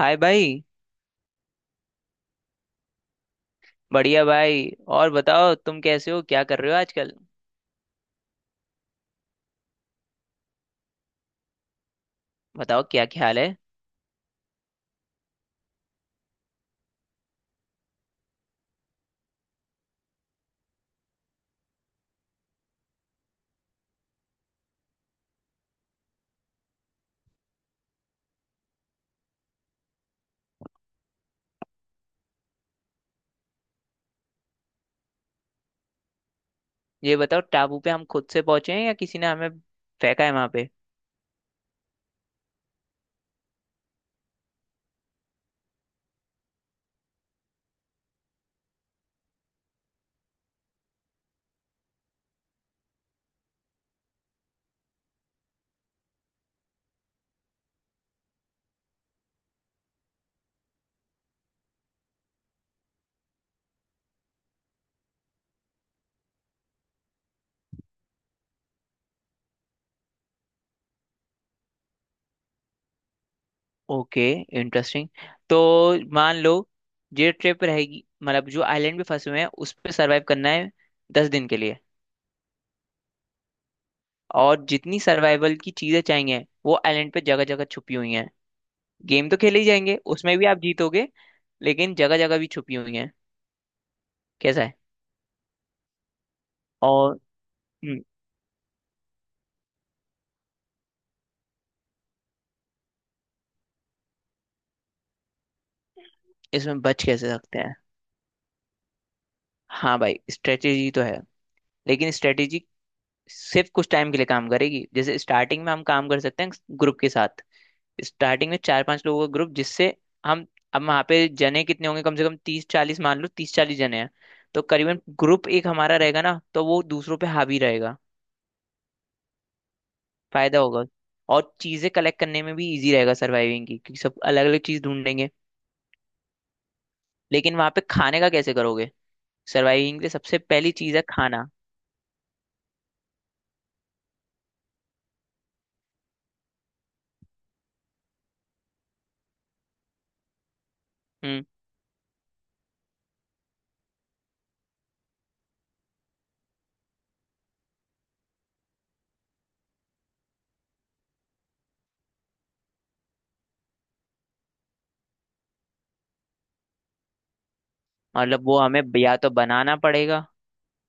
हाय भाई। बढ़िया भाई। और बताओ तुम कैसे हो, क्या कर रहे हो आजकल? बताओ क्या ख्याल है। ये बताओ टापू पे हम खुद से पहुंचे हैं या किसी ने हमें फेंका है वहां पे? Okay, interesting. तो मान लो ये ट्रिप रहेगी, मतलब जो आइलैंड पे फंसे हुए हैं उस पे सरवाइव करना है 10 दिन के लिए। और जितनी सर्वाइवल की चीजें चाहिए वो आइलैंड पे जगह जगह छुपी हुई हैं। गेम तो खेले ही जाएंगे, उसमें भी आप जीतोगे। लेकिन जगह जगह भी छुपी हुई हैं। कैसा है। और हम्म, इसमें बच कैसे सकते हैं? हाँ भाई, स्ट्रेटेजी तो है। लेकिन स्ट्रेटेजी सिर्फ कुछ टाइम के लिए काम करेगी, जैसे स्टार्टिंग में हम काम कर सकते हैं ग्रुप के साथ। स्टार्टिंग में चार पांच लोगों का ग्रुप जिससे हम, अब वहाँ पे जने कितने होंगे, कम से कम 30 40, मान लो 30 40 जने हैं, तो करीबन ग्रुप एक हमारा रहेगा ना, तो वो दूसरों पे हावी रहेगा। फायदा होगा। और चीजें कलेक्ट करने में भी इजी रहेगा सर्वाइविंग की, क्योंकि सब अलग अलग चीज ढूंढ लेंगे। लेकिन वहाँ पे खाने का कैसे करोगे? सर्वाइविंग के लिए सबसे पहली चीज है खाना। हम्म। मतलब वो हमें या तो बनाना पड़ेगा,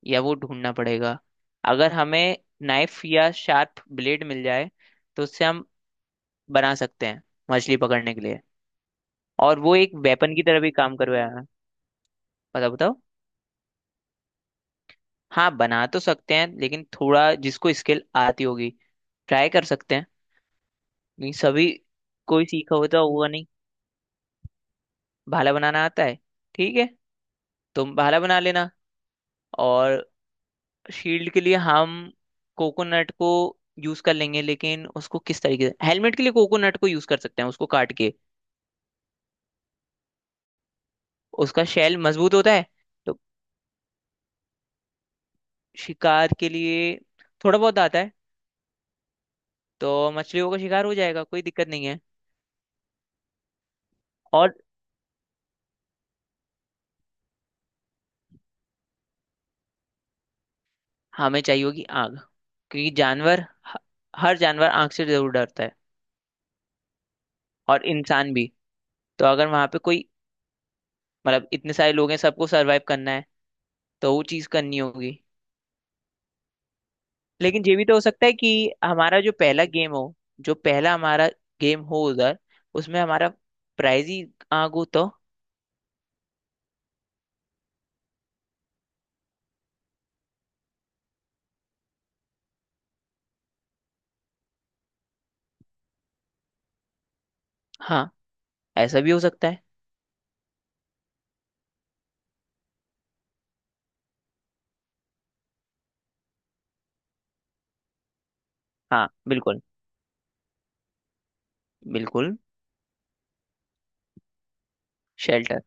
या वो ढूंढना पड़ेगा। अगर हमें नाइफ या शार्प ब्लेड मिल जाए तो उससे हम बना सकते हैं, मछली पकड़ने के लिए। और वो एक वेपन की तरह भी काम करवाया। पता बताओ। हाँ बना तो सकते हैं, लेकिन थोड़ा जिसको स्किल आती होगी ट्राई कर सकते हैं। नहीं, सभी कोई सीखा होता होगा नहीं। भाला बनाना आता है? ठीक है, तुम भाला बना लेना। और शील्ड के लिए हम कोकोनट को यूज कर लेंगे, लेकिन उसको किस तरीके से, हेलमेट के लिए कोकोनट को यूज कर सकते हैं उसको काट के। उसका शेल मजबूत होता है। तो शिकार के लिए थोड़ा बहुत आता है, तो मछलियों का शिकार हो जाएगा, कोई दिक्कत नहीं है। और हमें चाहिए होगी आग, क्योंकि जानवर, ह- हर जानवर आग से जरूर डरता है। और इंसान भी। तो अगर वहां पे कोई, मतलब इतने सारे लोग हैं, सबको सरवाइव करना है तो वो चीज करनी होगी। लेकिन ये भी तो हो सकता है कि हमारा जो पहला गेम हो, जो पहला हमारा गेम हो उधर, उसमें हमारा प्राइज ही आग हो तो? हाँ, ऐसा भी हो सकता है। हाँ बिल्कुल, बिल्कुल। शेल्टर।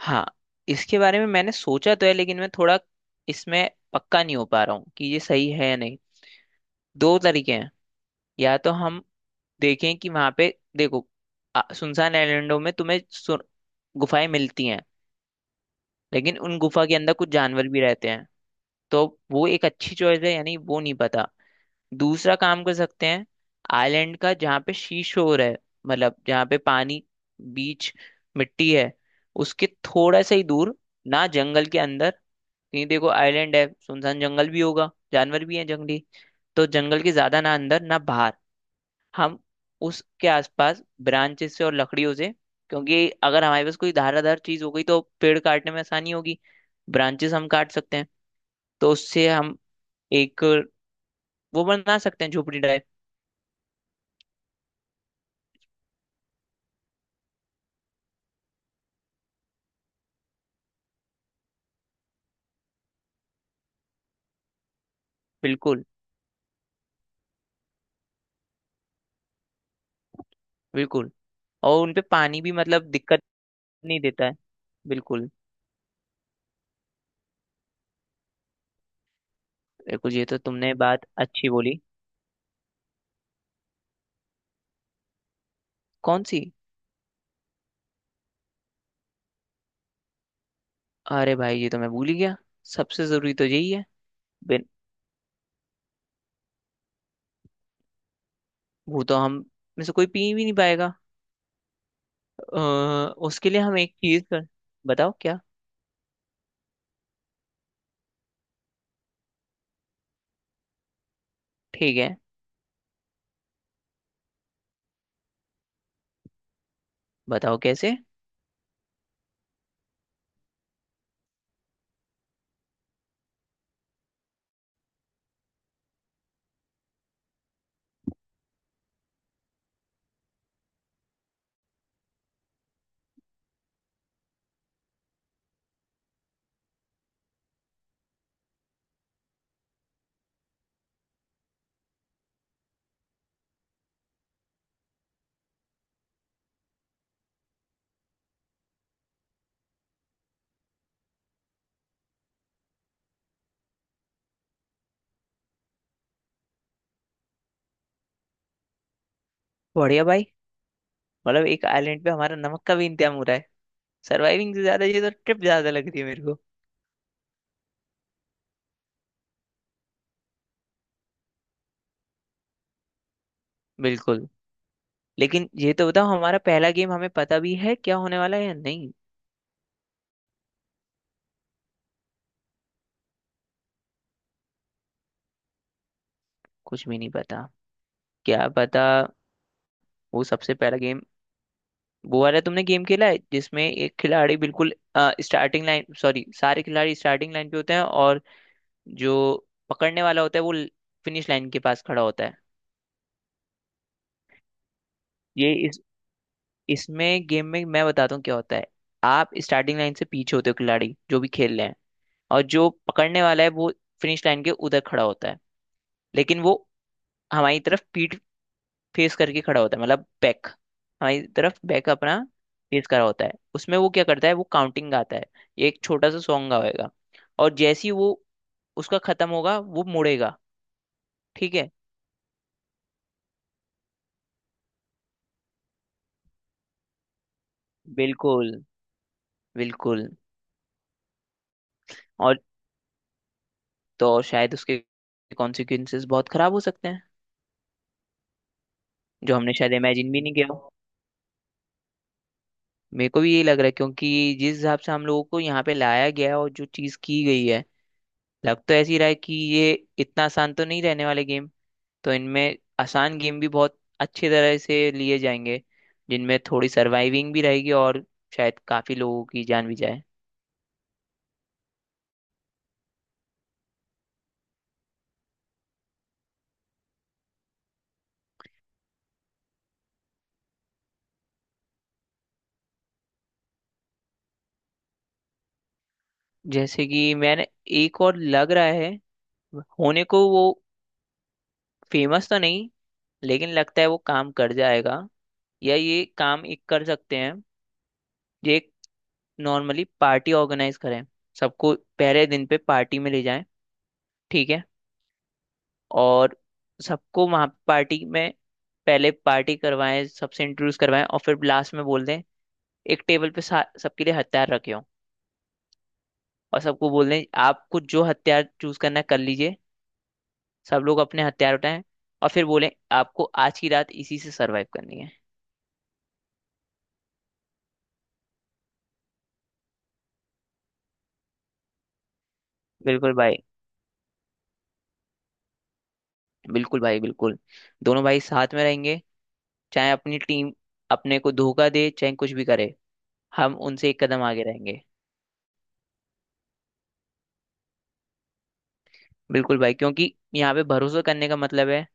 हाँ, इसके बारे में मैंने सोचा तो है, लेकिन मैं थोड़ा इसमें पक्का नहीं हो पा रहा हूँ कि ये सही है या नहीं। दो तरीके हैं। या तो हम देखें कि वहां पे, देखो, सुनसान आइलैंडों में तुम्हें, गुफाएं मिलती हैं। लेकिन उन गुफा के अंदर कुछ जानवर भी रहते हैं, तो वो एक अच्छी चॉइस है यानी, वो नहीं पता। दूसरा काम कर सकते हैं, आइलैंड का जहाँ पे सी शोर है, मतलब जहाँ पे पानी, बीच, मिट्टी है, उसके थोड़ा सा ही दूर ना, जंगल के अंदर कहीं, देखो आइलैंड है सुनसान, जंगल भी होगा, जानवर भी हैं जंगली। तो जंगल के ज्यादा ना अंदर ना बाहर, हम उसके आसपास, ब्रांचेस से और लकड़ियों से, क्योंकि अगर हमारे पास कोई धाराधार चीज हो गई तो पेड़ काटने में आसानी होगी। ब्रांचेस हम काट सकते हैं। तो उससे हम एक वो बना सकते हैं, झोपड़ी टाइप। बिल्कुल, बिल्कुल। और उनपे पानी भी, मतलब दिक्कत नहीं देता है। बिल्कुल। देखो ये तो तुमने बात अच्छी बोली। कौन सी? अरे भाई, ये तो मैं भूल ही गया, सबसे जरूरी तो यही है। बिन वो तो हम में से कोई पी भी नहीं पाएगा। अ, उसके लिए हम एक चीज कर, बताओ क्या? ठीक है। बताओ कैसे। बढ़िया भाई, मतलब एक आइलैंड पे हमारा नमक का भी इंतजाम हो रहा है। सर्वाइविंग से ज्यादा ये तो ट्रिप ज्यादा लग रही है मेरे को। बिल्कुल। लेकिन ये तो बताओ, हमारा पहला गेम हमें पता भी है क्या होने वाला है या नहीं? कुछ भी नहीं पता। क्या पता, वो सबसे पहला गेम, वो वाला तुमने गेम खेला है जिसमें एक खिलाड़ी बिल्कुल स्टार्टिंग लाइन, सॉरी, सारे खिलाड़ी स्टार्टिंग लाइन पे होते हैं, और जो पकड़ने वाला होता है वो फिनिश लाइन के पास खड़ा होता है। ये इस इसमें गेम में मैं बताता हूँ क्या होता है। आप स्टार्टिंग लाइन से पीछे होते हो, खिलाड़ी जो भी खेल रहे हैं। और जो पकड़ने वाला है वो फिनिश लाइन के उधर खड़ा होता है, लेकिन वो हमारी तरफ पीठ फेस करके खड़ा होता है, मतलब बैक हमारी तरफ, बैक अपना फेस करा होता है। उसमें वो क्या करता है, वो काउंटिंग गाता है, ये एक छोटा सा सॉन्ग गाएगा। और जैसे ही वो, उसका खत्म होगा वो मुड़ेगा। ठीक है। बिल्कुल, बिल्कुल। और तो और, शायद उसके कॉन्सिक्वेंसेस बहुत खराब हो सकते हैं, जो हमने शायद इमेजिन भी नहीं किया हो। मेरे को भी ये लग रहा है, क्योंकि जिस हिसाब से हम लोगों को यहाँ पे लाया गया है और जो चीज की गई है, लग तो ऐसी रहा है कि ये इतना आसान तो नहीं रहने वाले गेम। तो इनमें आसान गेम भी बहुत अच्छी तरह से लिए जाएंगे, जिनमें थोड़ी सर्वाइविंग भी रहेगी, और शायद काफी लोगों की जान भी जाए। जैसे कि मैंने, एक और लग रहा है, होने को वो फेमस तो नहीं लेकिन लगता है वो काम कर जाएगा, या ये काम एक कर सकते हैं। ये एक, नॉर्मली पार्टी ऑर्गेनाइज करें, सबको पहले दिन पे पार्टी में ले जाएं। ठीक है। और सबको वहाँ पार्टी में, पहले पार्टी करवाएं, सबसे इंट्रोड्यूस करवाएं, और फिर लास्ट में बोल दें, एक टेबल पे सबके लिए हथियार रखे हों, और सबको बोल दें आपको जो हथियार चूज करना है कर लीजिए। सब लोग अपने हथियार उठाएं, और फिर बोलें आपको आज की रात इसी से सरवाइव करनी है। बिल्कुल भाई। बिल्कुल भाई, बिल्कुल। दोनों भाई साथ में रहेंगे, चाहे अपनी टीम अपने को धोखा दे, चाहे कुछ भी करे, हम उनसे एक कदम आगे रहेंगे। बिल्कुल भाई, क्योंकि यहाँ पे भरोसा करने का मतलब है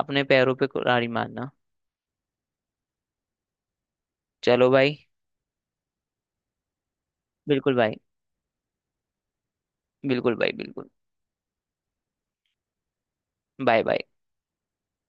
अपने पैरों पे कुल्हाड़ी मारना। चलो भाई। बिल्कुल भाई, बिल्कुल भाई, बिल्कुल। Bye bye.